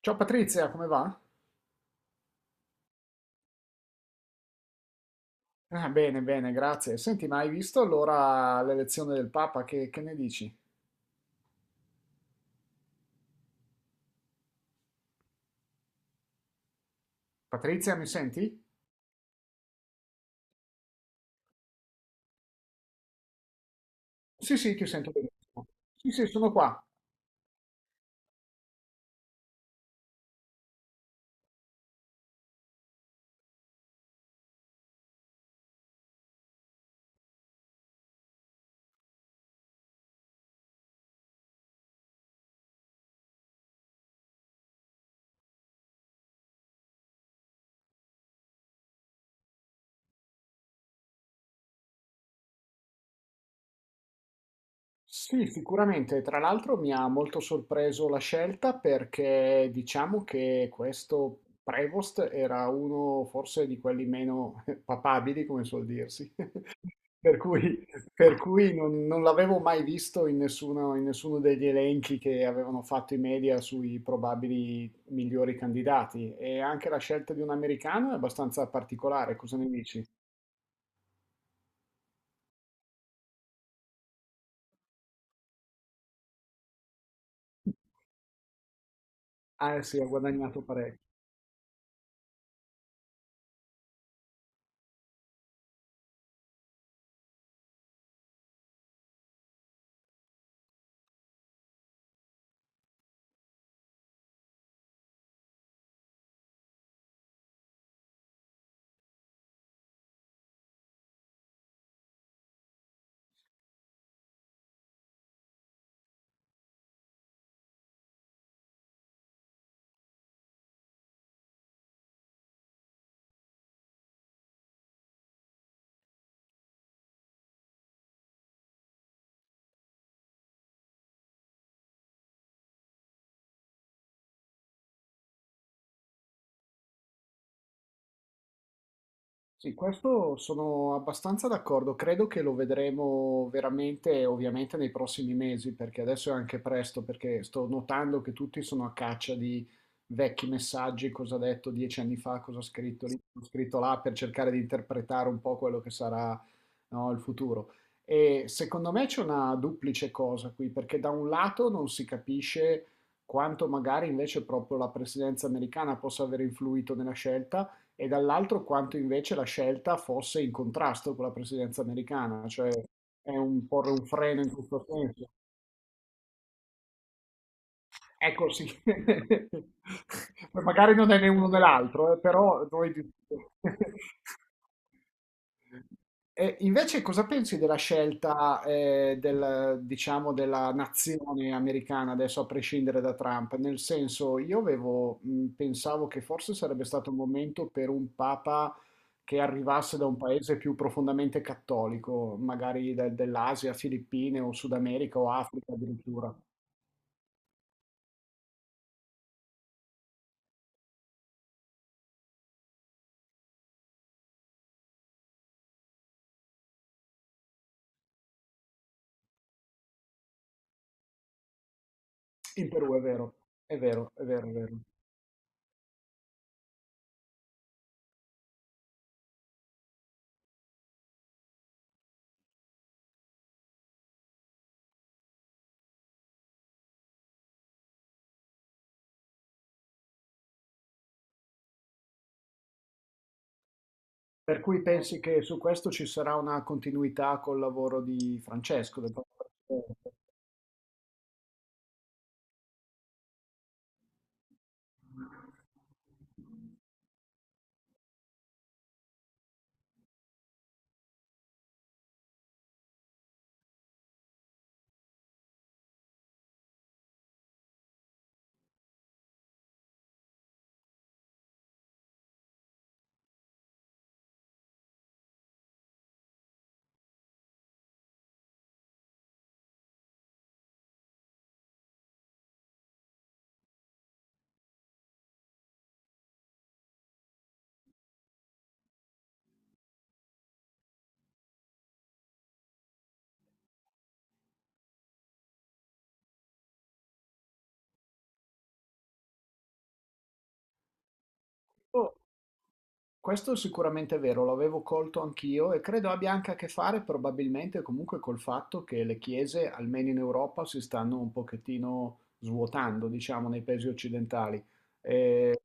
Ciao Patrizia, come va? Ah, bene, bene, grazie. Senti, ma hai visto allora l'elezione del Papa? Che ne dici? Patrizia, mi senti? Sì, sì, ti sento benissimo. Sì, sì, sono qua. Sì, sicuramente. Tra l'altro mi ha molto sorpreso la scelta perché diciamo che questo Prevost era uno forse di quelli meno papabili, come suol dirsi. Per cui, per cui non l'avevo mai visto in nessuno degli elenchi che avevano fatto i media sui probabili migliori candidati. E anche la scelta di un americano è abbastanza particolare, cosa ne dici? Ah, sì, ha guadagnato parecchio. Sì, questo sono abbastanza d'accordo, credo che lo vedremo veramente, ovviamente, nei prossimi mesi, perché adesso è anche presto, perché sto notando che tutti sono a caccia di vecchi messaggi, cosa ha detto 10 anni fa, cosa ha scritto lì, cosa ha scritto là, per cercare di interpretare un po' quello che sarà, no, il futuro. E secondo me c'è una duplice cosa qui, perché da un lato non si capisce quanto magari invece proprio la presidenza americana possa aver influito nella scelta e dall'altro quanto invece la scelta fosse in contrasto con la presidenza americana, cioè è un porre un freno in questo senso. Ecco sì, magari non è né uno né l'altro, però noi... E invece cosa pensi della scelta, del, diciamo, della nazione americana adesso a prescindere da Trump? Nel senso, io avevo, pensavo che forse sarebbe stato un momento per un papa che arrivasse da un paese più profondamente cattolico, magari dell'Asia, Filippine o Sud America o Africa addirittura. In Perù, è vero, è vero, è vero, è vero. Per cui pensi che su questo ci sarà una continuità col lavoro di Francesco, del Papa Francesco? Oh, questo sicuramente è sicuramente vero, lo avevo colto anch'io e credo abbia anche a che fare probabilmente comunque col fatto che le chiese, almeno in Europa, si stanno un pochettino svuotando, diciamo, nei paesi occidentali. Eh,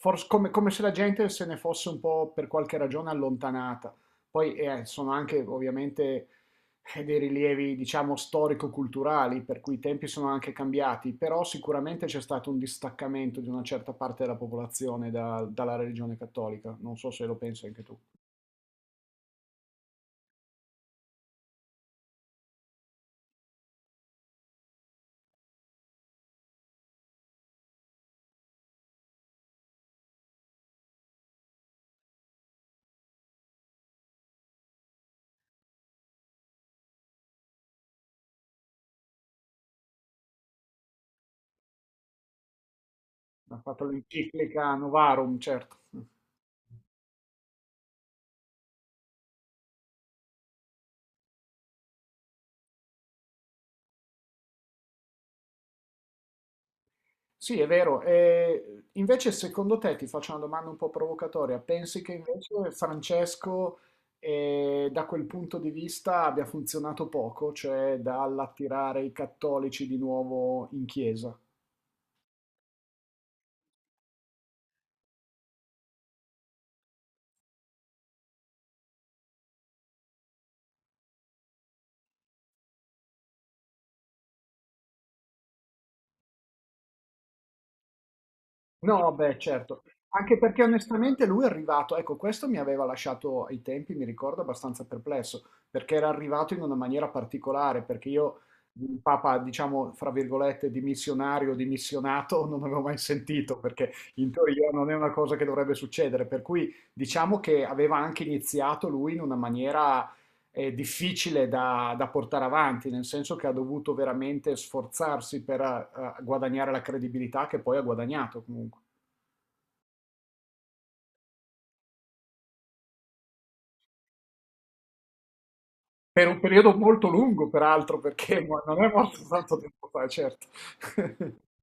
Forse come se la gente se ne fosse un po' per qualche ragione allontanata. Poi sono anche ovviamente dei rilievi, diciamo, storico-culturali, per cui i tempi sono anche cambiati, però sicuramente c'è stato un distaccamento di una certa parte della popolazione dalla religione cattolica. Non so se lo pensi anche tu. Ha fatto l'enciclica Novarum, certo. Sì, è vero. E invece, secondo te, ti faccio una domanda un po' provocatoria, pensi che invece Francesco, da quel punto di vista, abbia funzionato poco, cioè dall'attirare i cattolici di nuovo in chiesa? No, beh, certo. Anche perché onestamente lui è arrivato, ecco, questo mi aveva lasciato ai tempi, mi ricordo, abbastanza perplesso, perché era arrivato in una maniera particolare, perché io il Papa, diciamo, fra virgolette, di missionario, di missionato, non avevo mai sentito, perché in teoria non è una cosa che dovrebbe succedere, per cui diciamo che aveva anche iniziato lui in una maniera difficile da portare avanti, nel senso che ha dovuto veramente sforzarsi per guadagnare la credibilità che poi ha guadagnato comunque. Per un periodo molto lungo, peraltro, perché non è morto tanto tempo fa, certo.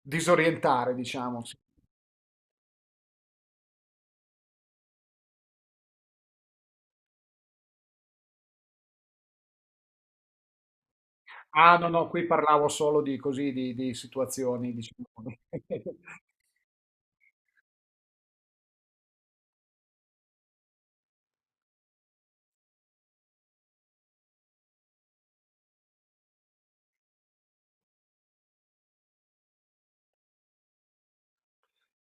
Disorientare, diciamo. Sì. Ah, no, no, qui parlavo solo di così, di situazioni, diciamo.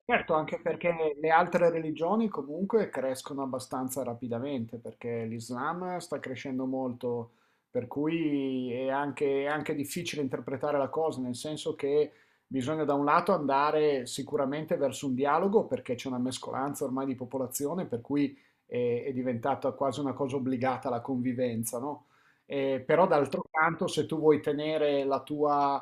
Certo, anche perché le altre religioni comunque crescono abbastanza rapidamente, perché l'Islam sta crescendo molto, per cui è anche difficile interpretare la cosa, nel senso che bisogna da un lato andare sicuramente verso un dialogo, perché c'è una mescolanza ormai di popolazione, per cui è diventata quasi una cosa obbligata la convivenza, no? Però d'altro canto, se tu vuoi tenere la tua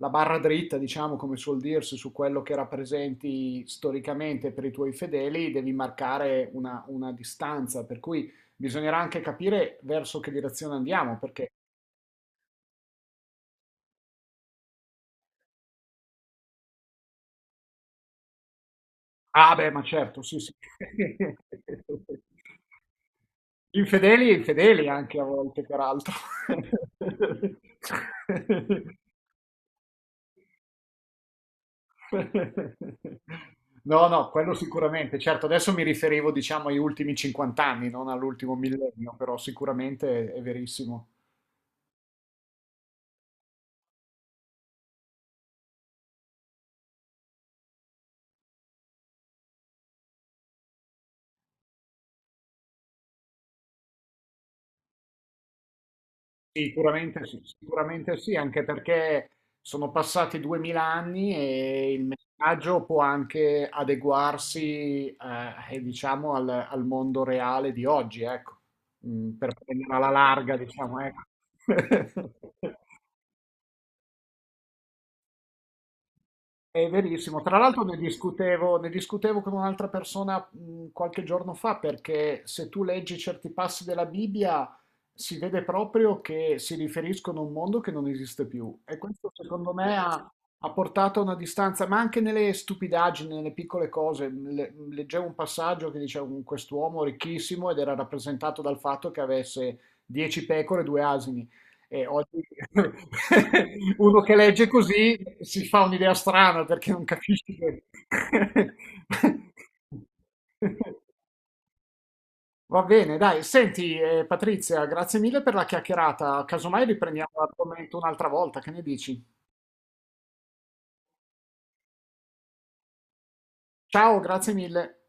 la barra dritta, diciamo come suol dirsi, su quello che rappresenti storicamente per i tuoi fedeli, devi marcare una distanza, per cui bisognerà anche capire verso che direzione andiamo, perché... Ah beh, ma certo, sì, sì. Infedeli e infedeli anche a volte, peraltro. No, no, quello sicuramente. Certo, adesso mi riferivo, diciamo, agli ultimi 50 anni, non all'ultimo millennio, però sicuramente è verissimo. Sicuramente sì, anche perché sono passati 2000 anni e il messaggio può anche adeguarsi, e diciamo, al, al mondo reale di oggi, ecco, per prendere alla larga, diciamo, ecco. È verissimo. Tra l'altro ne discutevo con un'altra persona qualche giorno fa perché se tu leggi certi passi della Bibbia si vede proprio che si riferiscono a un mondo che non esiste più. E questo secondo me ha, portato a una distanza, ma anche nelle stupidaggini, nelle piccole cose. Leggevo un passaggio che diceva quest'uomo ricchissimo ed era rappresentato dal fatto che avesse 10 pecore e due asini. E oggi uno che legge così si fa un'idea strana perché non capisci che... Va bene, dai, senti Patrizia, grazie mille per la chiacchierata. Casomai riprendiamo l'argomento un'altra volta, che ne dici? Ciao, grazie mille.